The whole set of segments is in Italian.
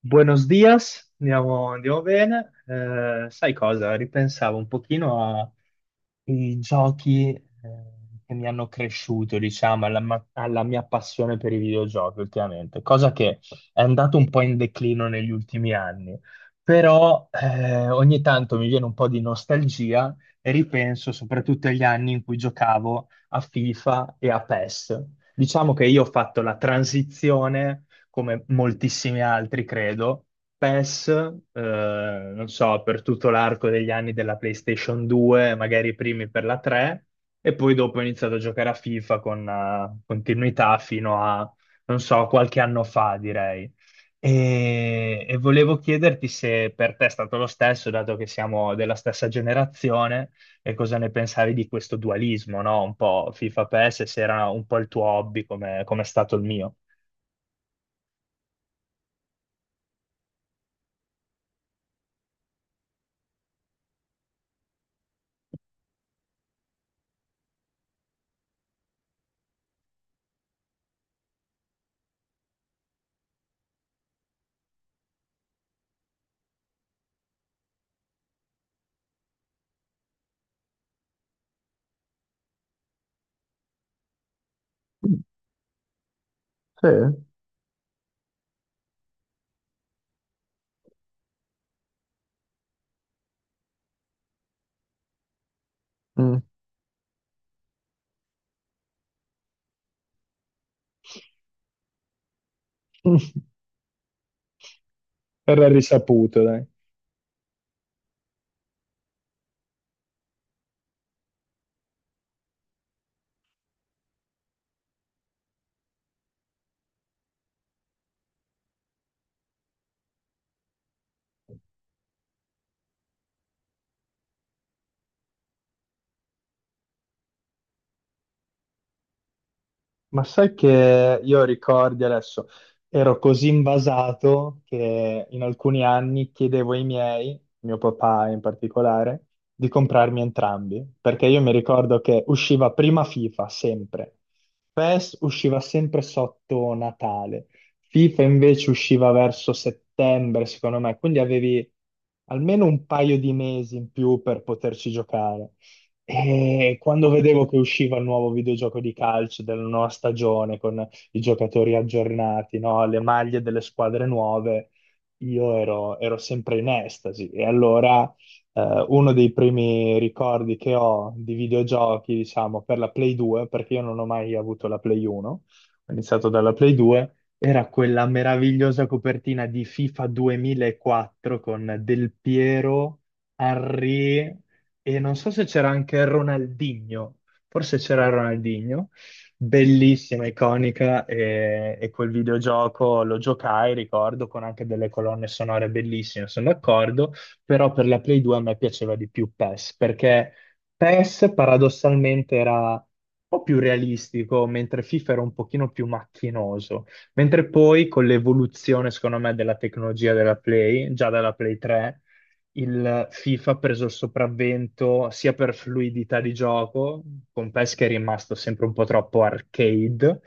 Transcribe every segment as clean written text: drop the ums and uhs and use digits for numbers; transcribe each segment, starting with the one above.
Buenos dias, andiamo, andiamo bene. Sai cosa? Ripensavo un pochino ai giochi che mi hanno cresciuto, diciamo, alla mia passione per i videogiochi ultimamente, cosa che è andato un po' in declino negli ultimi anni, però ogni tanto mi viene un po' di nostalgia e ripenso soprattutto agli anni in cui giocavo a FIFA e a PES. Diciamo che io ho fatto la transizione come moltissimi altri, credo. PES, non so, per tutto l'arco degli anni della PlayStation 2, magari i primi per la 3, e poi dopo ho iniziato a giocare a FIFA con continuità fino a, non so, qualche anno fa, direi. E volevo chiederti se per te è stato lo stesso, dato che siamo della stessa generazione, e cosa ne pensavi di questo dualismo, no? Un po' FIFA PES, e se era un po' il tuo hobby, come è stato il mio. Sì. Mm. Era risaputo, dai. Ma sai che io ricordi adesso, ero così invasato che in alcuni anni chiedevo ai miei, mio papà in particolare, di comprarmi entrambi, perché io mi ricordo che usciva prima FIFA, sempre. PES usciva sempre sotto Natale. FIFA invece usciva verso settembre, secondo me, quindi avevi almeno un paio di mesi in più per poterci giocare. E quando vedevo che usciva il nuovo videogioco di calcio della nuova stagione con i giocatori aggiornati, no? Le maglie delle squadre nuove, io ero sempre in estasi. E allora uno dei primi ricordi che ho di videogiochi, diciamo, per la Play 2, perché io non ho mai avuto la Play 1, ho iniziato dalla Play 2, era quella meravigliosa copertina di FIFA 2004 con Del Piero, Henry. E non so se c'era anche Ronaldinho, forse c'era Ronaldinho, bellissima, iconica, e quel videogioco lo giocai, ricordo, con anche delle colonne sonore bellissime, sono d'accordo, però per la Play 2 a me piaceva di più PES, perché PES paradossalmente era un po' più realistico, mentre FIFA era un pochino più macchinoso, mentre poi con l'evoluzione, secondo me, della tecnologia della Play, già dalla Play 3, il FIFA ha preso il sopravvento sia per fluidità di gioco, con PES che è rimasto sempre un po' troppo arcade,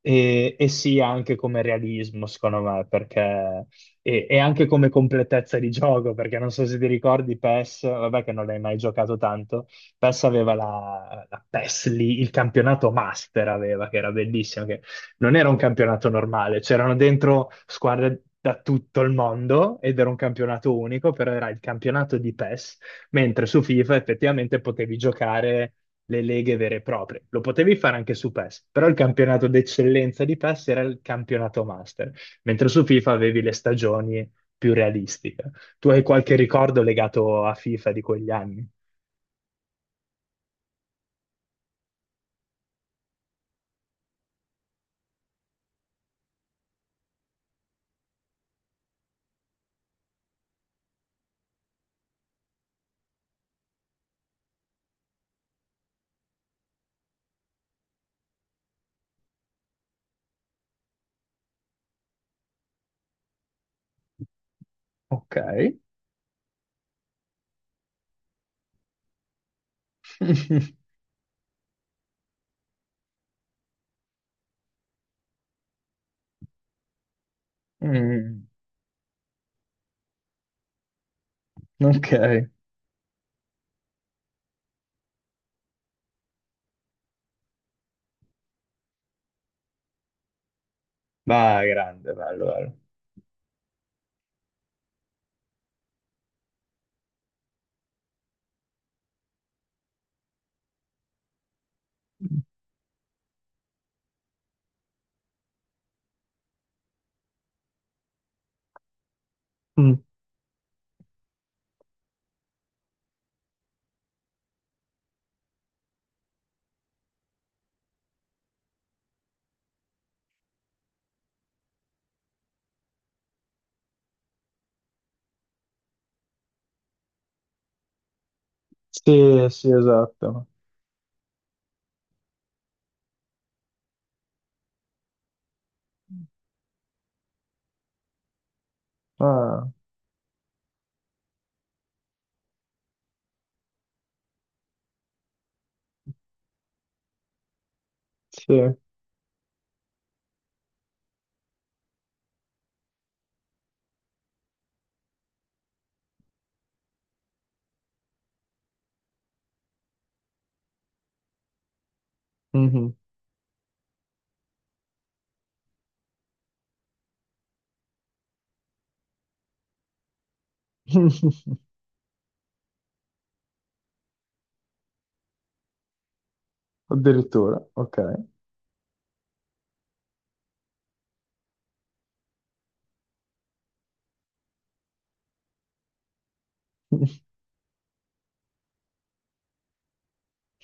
e sia anche come realismo, secondo me, perché, e anche come completezza di gioco, perché non so se ti ricordi PES, vabbè che non l'hai mai giocato tanto, PES aveva la PES lì, il campionato Master aveva, che era bellissimo, che non era un campionato normale, c'erano dentro squadre da tutto il mondo ed era un campionato unico, però era il campionato di PES, mentre su FIFA effettivamente potevi giocare le leghe vere e proprie. Lo potevi fare anche su PES, però il campionato d'eccellenza di PES era il campionato master, mentre su FIFA avevi le stagioni più realistiche. Tu hai qualche ricordo legato a FIFA di quegli anni? Ok. Mm, ok. Va, grande, bello, bello. Mm. Sì, sì, esatto. Ah, sì. Mhm. Addirittura, ok.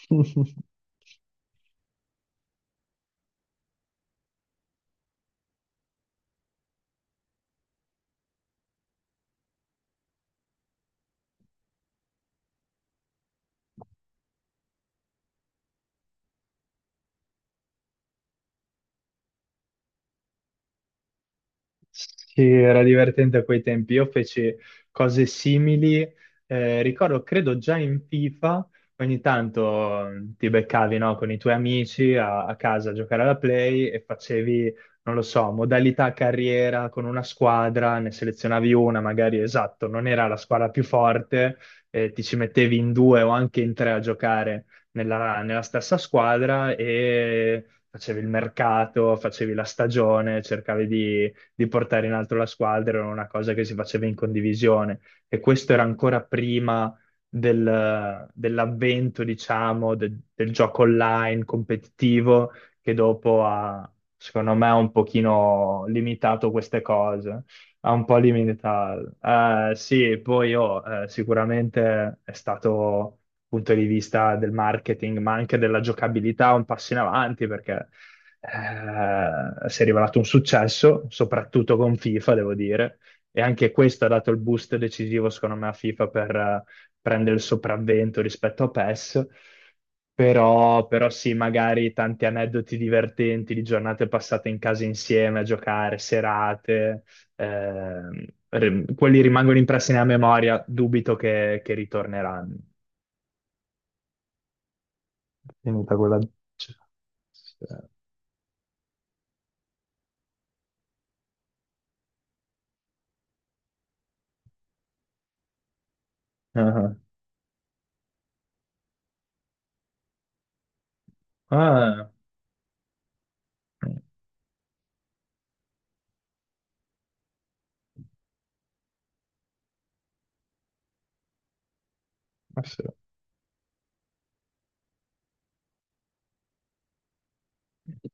Sì, era divertente a quei tempi. Io feci cose simili. Ricordo, credo già in FIFA, ogni tanto ti beccavi, no, con i tuoi amici a casa a giocare alla Play e facevi, non lo so, modalità carriera con una squadra, ne selezionavi una, magari esatto, non era la squadra più forte, ti ci mettevi in due o anche in tre a giocare nella stessa squadra e facevi il mercato, facevi la stagione, cercavi di portare in alto la squadra, era una cosa che si faceva in condivisione e questo era ancora prima dell'avvento, diciamo, del gioco online competitivo che dopo ha, secondo me, un pochino limitato queste cose. Ha un po' limitato. Sì, poi oh, sicuramente è stato punto di vista del marketing, ma anche della giocabilità, un passo in avanti, perché si è rivelato un successo, soprattutto con FIFA, devo dire, e anche questo ha dato il boost decisivo, secondo me, a FIFA per prendere il sopravvento rispetto a PES. Però sì, magari tanti aneddoti divertenti di giornate passate in casa insieme a giocare, serate, quelli rimangono impressi nella memoria, dubito che ritorneranno. Finita quella. Ah, ah. Ah, sì.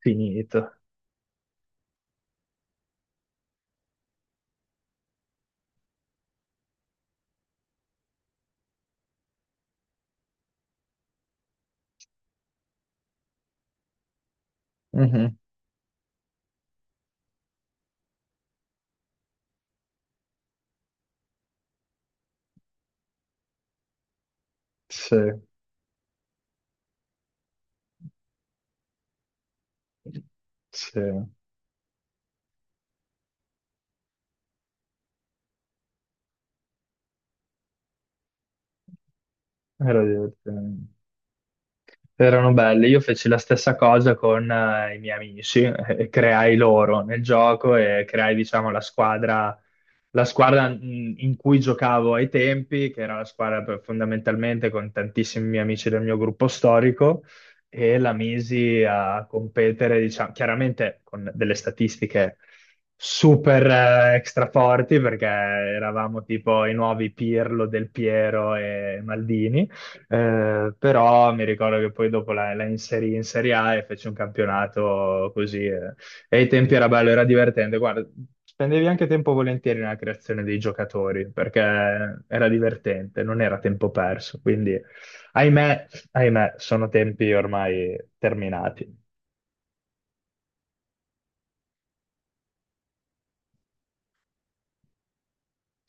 Finito. Mhm. Sì, sì, era divertente. Erano belle, io feci la stessa cosa con i miei amici, e creai loro nel gioco e creai, diciamo, la squadra in cui giocavo ai tempi, che era la squadra fondamentalmente con tantissimi miei amici del mio gruppo storico, e la misi a competere, diciamo, chiaramente con delle statistiche super extra forti, perché eravamo tipo i nuovi Pirlo, Del Piero e Maldini però mi ricordo che poi dopo la inserì in Serie A e fece un campionato così. E ai tempi era bello, era divertente. Guarda, spendevi anche tempo volentieri nella creazione dei giocatori perché era divertente, non era tempo perso. Quindi, ahimè, ahimè, sono tempi ormai terminati.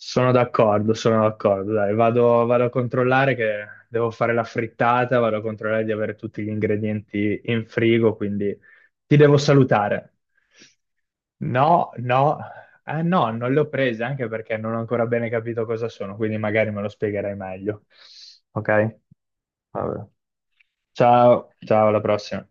Sono d'accordo, sono d'accordo. Dai, vado a controllare che devo fare la frittata, vado a controllare di avere tutti gli ingredienti in frigo, quindi ti devo salutare. No, no, ah no, non le ho prese anche perché non ho ancora bene capito cosa sono, quindi magari me lo spiegherai meglio. Ok? Vabbè. Ciao, ciao, alla prossima.